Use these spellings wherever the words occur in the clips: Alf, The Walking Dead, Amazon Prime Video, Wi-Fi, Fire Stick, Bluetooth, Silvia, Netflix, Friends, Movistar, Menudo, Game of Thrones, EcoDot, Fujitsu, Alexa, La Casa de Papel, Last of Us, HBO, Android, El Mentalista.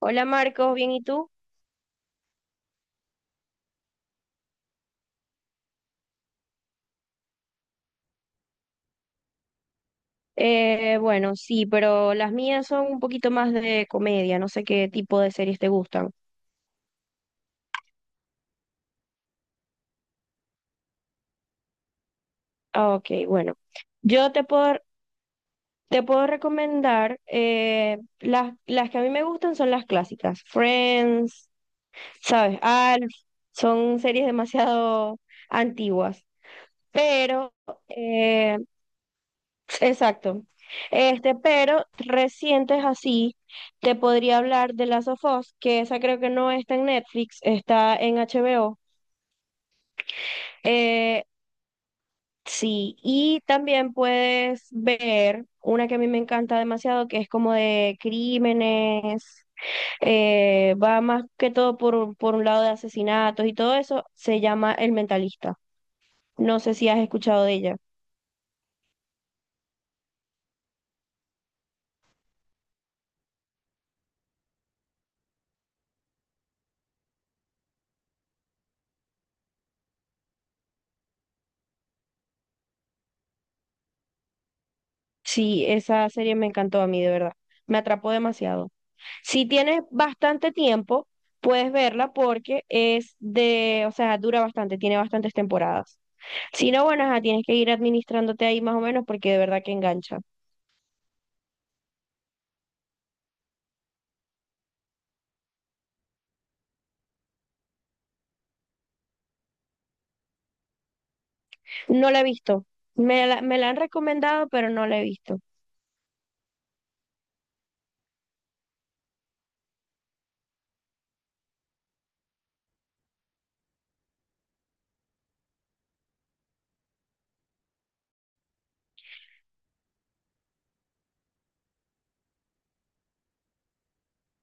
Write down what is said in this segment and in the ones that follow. Hola Marcos, ¿bien y tú? Bueno, sí, pero las mías son un poquito más de comedia, no sé qué tipo de series te gustan. Ah, ok, bueno, yo te puedo, te puedo recomendar, las que a mí me gustan son las clásicas, Friends, ¿sabes? Alf, son series demasiado antiguas, pero eh, exacto. Este, pero recientes así, te podría hablar de Last of Us, que esa creo que no está en Netflix, está en HBO. Eh, sí, y también puedes ver una que a mí me encanta demasiado, que es como de crímenes, va más que todo por un lado de asesinatos y todo eso, se llama El Mentalista. No sé si has escuchado de ella. Sí, esa serie me encantó a mí, de verdad. Me atrapó demasiado. Si tienes bastante tiempo, puedes verla porque es de, o sea, dura bastante, tiene bastantes temporadas. Si no, bueno, ajá, tienes que ir administrándote ahí más o menos porque de verdad que engancha. No la he visto. Me la han recomendado, pero no la he visto.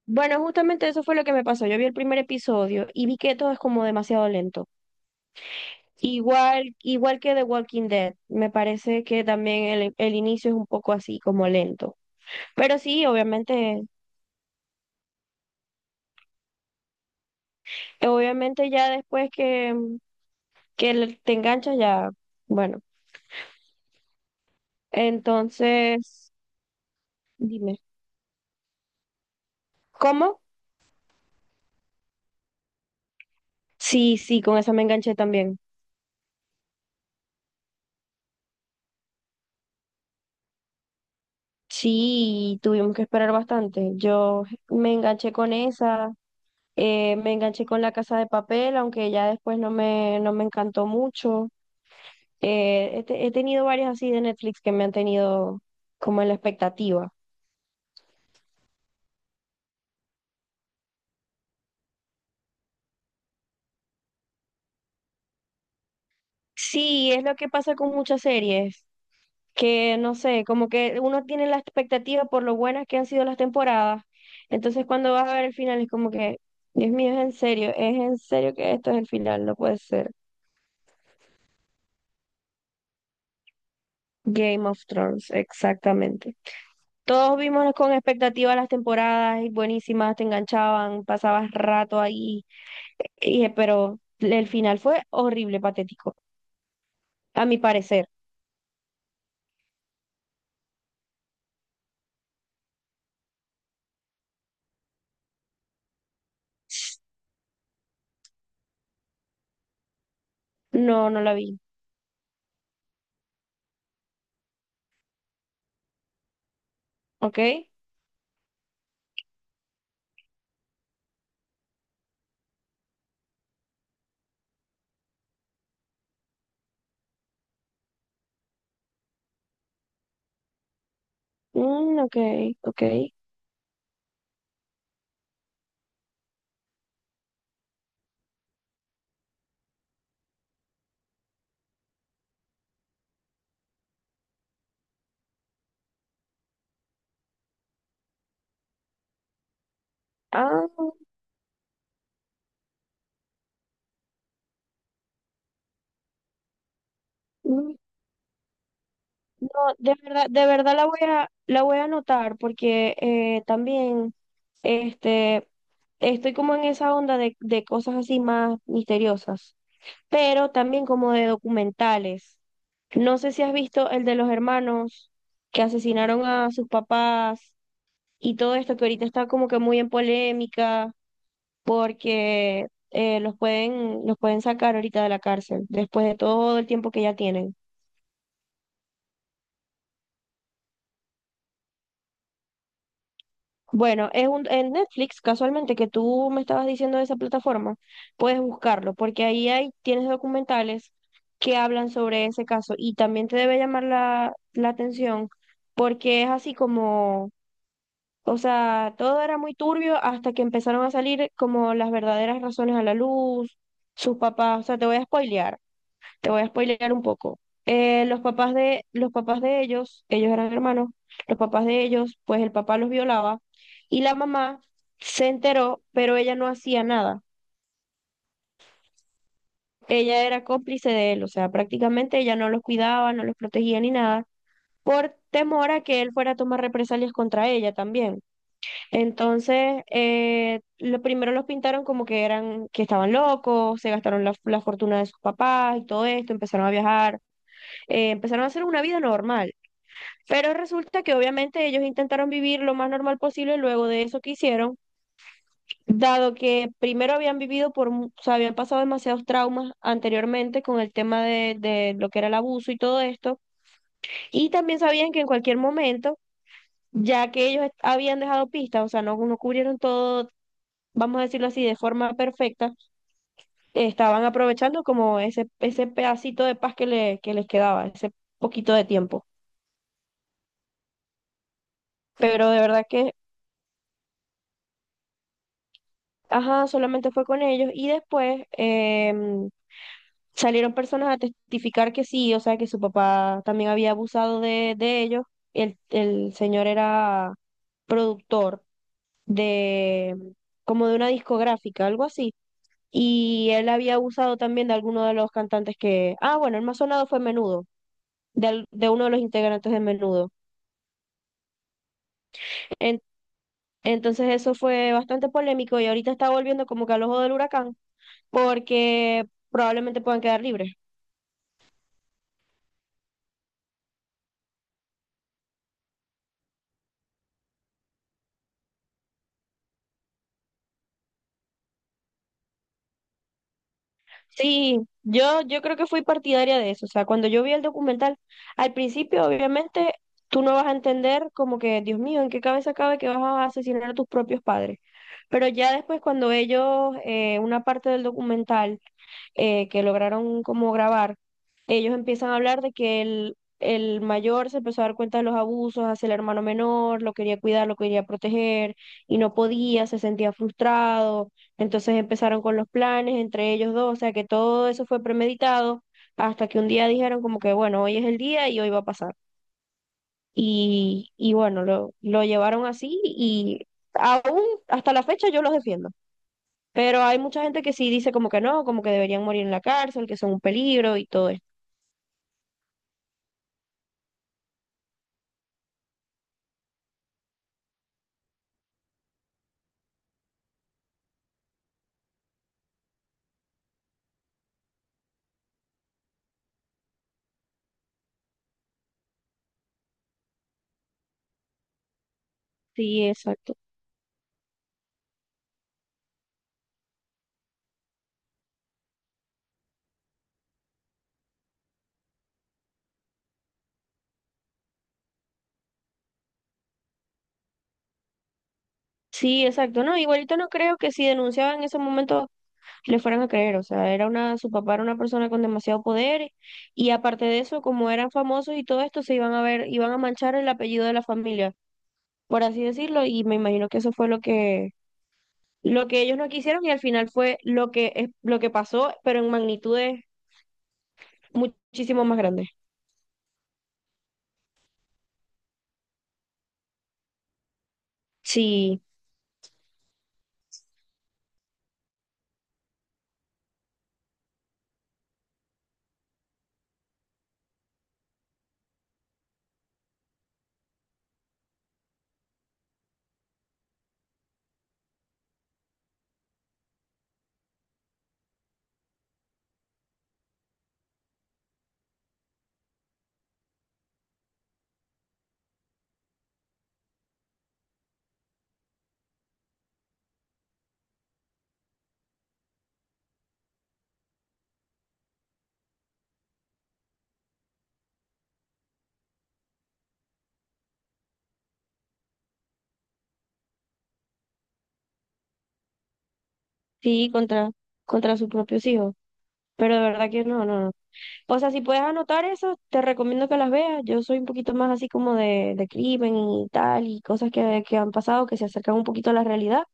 Bueno, justamente eso fue lo que me pasó. Yo vi el primer episodio y vi que todo es como demasiado lento. Igual, igual que The Walking Dead, me parece que también el inicio es un poco así, como lento. Pero sí, obviamente, obviamente ya después que le- te enganchas ya, bueno. Entonces, dime, ¿cómo? Sí, sí, con esa me enganché también. Sí, tuvimos que esperar bastante. Yo me enganché con esa, me enganché con La Casa de Papel, aunque ya después no me encantó mucho. He tenido varias así de Netflix que me han tenido como en la expectativa. Sí, es lo que pasa con muchas series, que no sé, como que uno tiene la expectativa por lo buenas que han sido las temporadas. Entonces cuando vas a ver el final es como que, Dios mío, es en serio que esto es el final, no puede ser. Game of Thrones, exactamente. Todos vimos con expectativa las temporadas y buenísimas, te enganchaban, pasabas rato ahí, pero el final fue horrible, patético, a mi parecer. No, no la vi. ¿Ok? Mm, ok, ok. Ah, mm, no, de verdad, la voy a anotar porque también este, estoy como en esa onda de cosas así más misteriosas, pero también como de documentales. No sé si has visto el de los hermanos que asesinaron a sus papás y todo esto que ahorita está como que muy en polémica, porque los pueden sacar ahorita de la cárcel, después de todo el tiempo que ya tienen. Bueno, en Netflix, casualmente, que tú me estabas diciendo de esa plataforma, puedes buscarlo, porque tienes documentales que hablan sobre ese caso y también te debe llamar la atención, porque es así como, o sea, todo era muy turbio hasta que empezaron a salir como las verdaderas razones a la luz, sus papás, o sea, te voy a spoilear. Te voy a spoilear un poco. Los papás de ellos, ellos eran hermanos, los papás de ellos, pues el papá los violaba y la mamá se enteró, pero ella no hacía nada. Ella era cómplice de él, o sea, prácticamente ella no los cuidaba, no los protegía ni nada, por temor a que él fuera a tomar represalias contra ella también. Entonces, lo primero los pintaron como que eran, que estaban locos, se gastaron la fortuna de sus papás y todo esto, empezaron a viajar, empezaron a hacer una vida normal. Pero resulta que obviamente ellos intentaron vivir lo más normal posible luego de eso que hicieron, dado que primero habían vivido por, mu- o sea, habían pasado demasiados traumas anteriormente con el tema de lo que era el abuso y todo esto, y también sabían que en cualquier momento, ya que ellos habían dejado pistas, o sea, no cubrieron todo, vamos a decirlo así, de forma perfecta, estaban aprovechando como ese pedacito de paz que les quedaba, ese poquito de tiempo. Pero de verdad que ajá, solamente fue con ellos y después salieron personas a testificar que sí, o sea, que su papá también había abusado de ellos. El señor era productor de, como de una discográfica, algo así. Y él había abusado también de alguno de los cantantes que, ah, bueno, el más sonado fue Menudo, de uno de los integrantes de Menudo. En- entonces eso fue bastante polémico y ahorita está volviendo como que al ojo del huracán porque probablemente puedan quedar libres. Sí, yo creo que fui partidaria de eso. O sea, cuando yo vi el documental, al principio, obviamente, tú no vas a entender como que, Dios mío, ¿en qué cabeza cabe que vas a asesinar a tus propios padres? Pero ya después, cuando ellos, una parte del documental que lograron como grabar, ellos empiezan a hablar de que el mayor se empezó a dar cuenta de los abusos hacia el hermano menor, lo quería cuidar, lo quería proteger y no podía, se sentía frustrado, entonces empezaron con los planes entre ellos dos, o sea que todo eso fue premeditado hasta que un día dijeron como que bueno, hoy es el día y hoy va a pasar. Y bueno, lo llevaron así y aún hasta la fecha yo los defiendo. Pero hay mucha gente que sí dice como que no, como que deberían morir en la cárcel, que son un peligro y todo esto. Sí, exacto. Sí, exacto. No, igualito no creo que si denunciaban en ese momento le fueran a creer. O sea, era una, su papá era una persona con demasiado poder y aparte de eso, como eran famosos y todo esto, se iban a ver, iban a manchar el apellido de la familia, por así decirlo. Y me imagino que eso fue lo que ellos no quisieron y al final fue lo que, es- lo que pasó, pero en magnitudes muchísimo más grandes. Sí. Sí, contra, contra sus propios hijos. Pero de verdad que no, no, no. O sea, si puedes anotar eso, te recomiendo que las veas. Yo soy un poquito más así como de crimen y tal, y cosas que han pasado que se acercan un poquito a la realidad.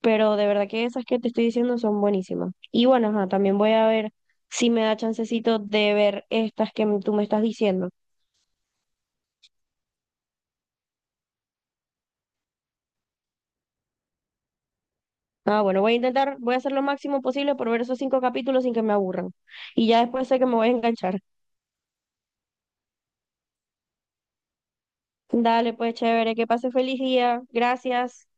Pero de verdad que esas que te estoy diciendo son buenísimas. Y bueno, ajá, también voy a ver si me da chancecito de ver estas que tú me estás diciendo. Ah, bueno, voy a intentar, voy a hacer lo máximo posible por ver esos cinco capítulos sin que me aburran. Y ya después sé que me voy a enganchar. Dale, pues chévere, que pase feliz día. Gracias.